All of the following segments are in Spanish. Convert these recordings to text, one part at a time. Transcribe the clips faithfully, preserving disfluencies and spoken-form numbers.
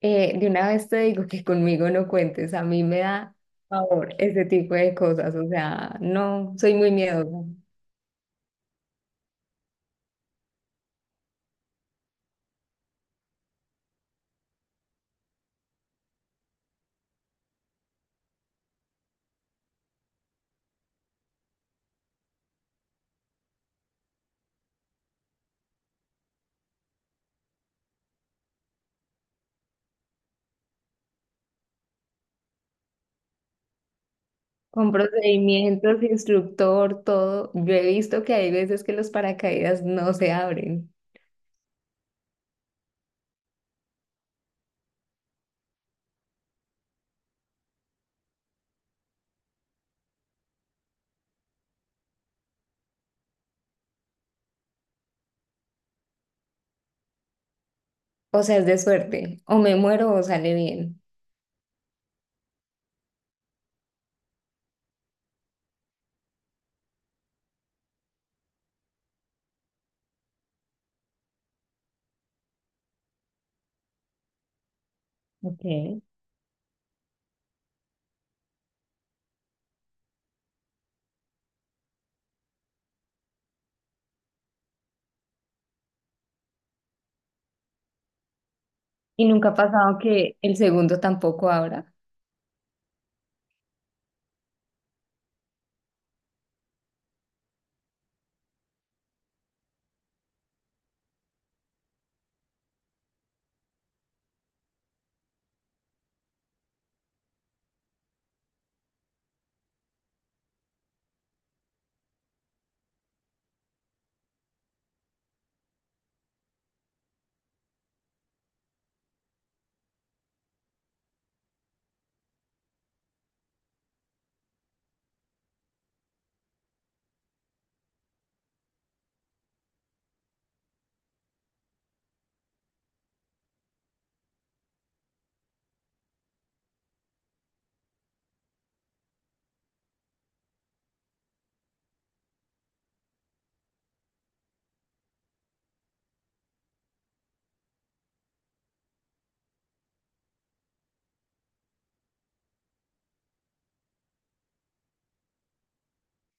Eh, de una vez te digo que conmigo no cuentes, a mí me da favor ese tipo de cosas, o sea, no, soy muy miedosa. Con procedimientos, instructor, todo, yo he visto que hay veces que los paracaídas no se abren, o sea, es de suerte, o me muero o sale bien. Ok. Y nunca ha pasado que el segundo tampoco abra.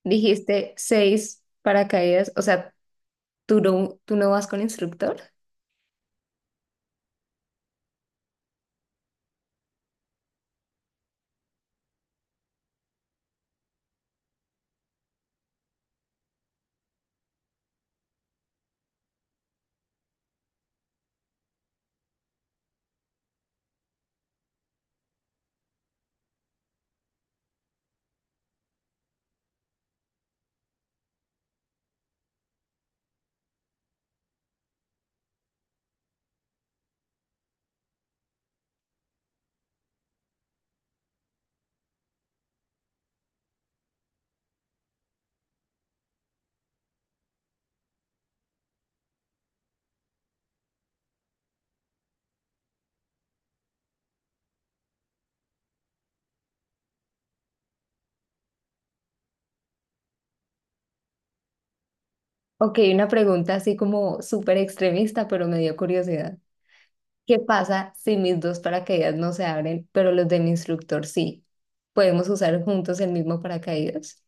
Dijiste seis paracaídas, o sea, ¿tú no, tú no vas con instructor? Ok, una pregunta así como súper extremista, pero me dio curiosidad. ¿Qué pasa si mis dos paracaídas no se abren, pero los de mi instructor sí? ¿Podemos usar juntos el mismo paracaídas?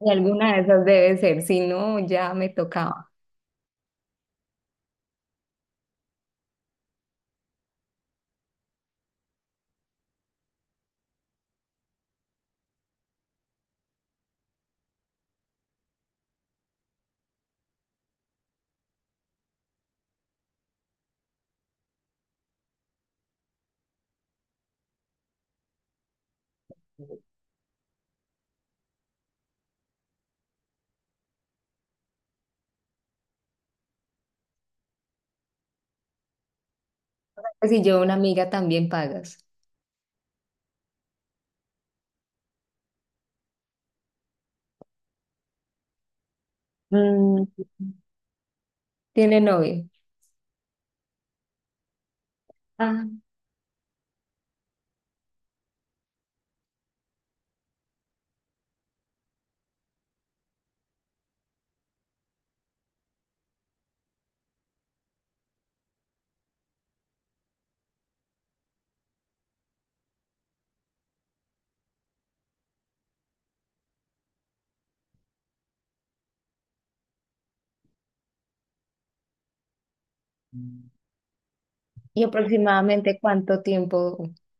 Y alguna de esas debe ser, si no, ya me tocaba. Pues si yo una amiga también pagas. Mm, ¿tiene novio? Ah, ¿y aproximadamente cuánto tiempo,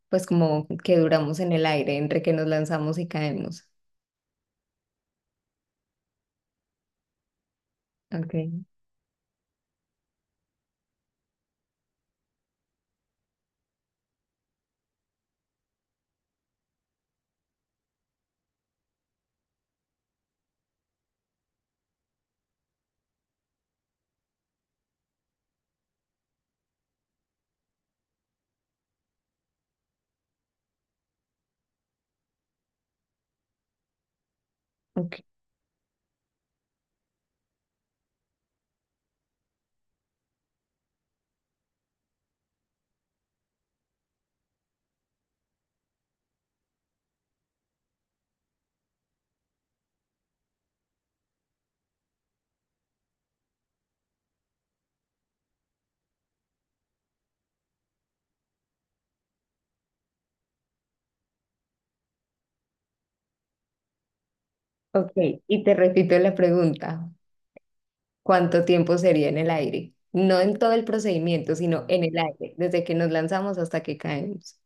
pues como que duramos en el aire entre que nos lanzamos y caemos? Ok, ok, ok. Y te repito la pregunta. ¿Cuánto tiempo sería en el aire? No en todo el procedimiento, sino en el aire, desde que nos lanzamos hasta que caemos.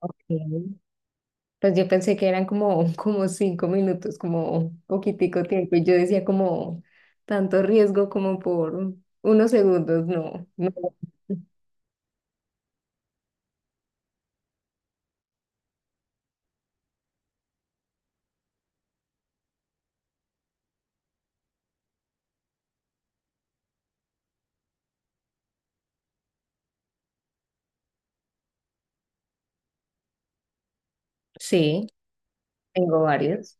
Ok. Pues yo pensé que eran como, como cinco minutos, como un poquitico tiempo, y yo decía como tanto riesgo como por unos segundos, no, no. Sí, tengo varios.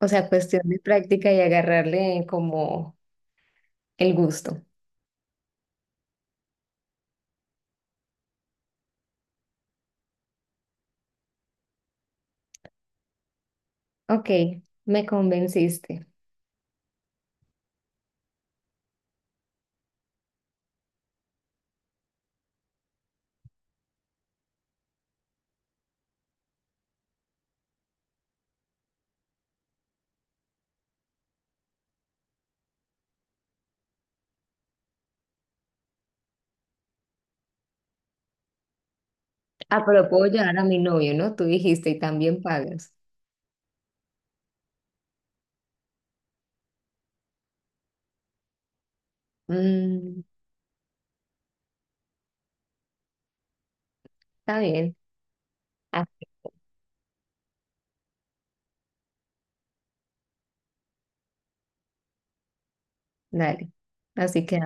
O sea, cuestión de práctica y agarrarle como el gusto. Ok, me convenciste. Ah, pero puedo llevar a mi novio, ¿no? Tú dijiste y también pagas. Mm, está bien. Ah, dale. Así que.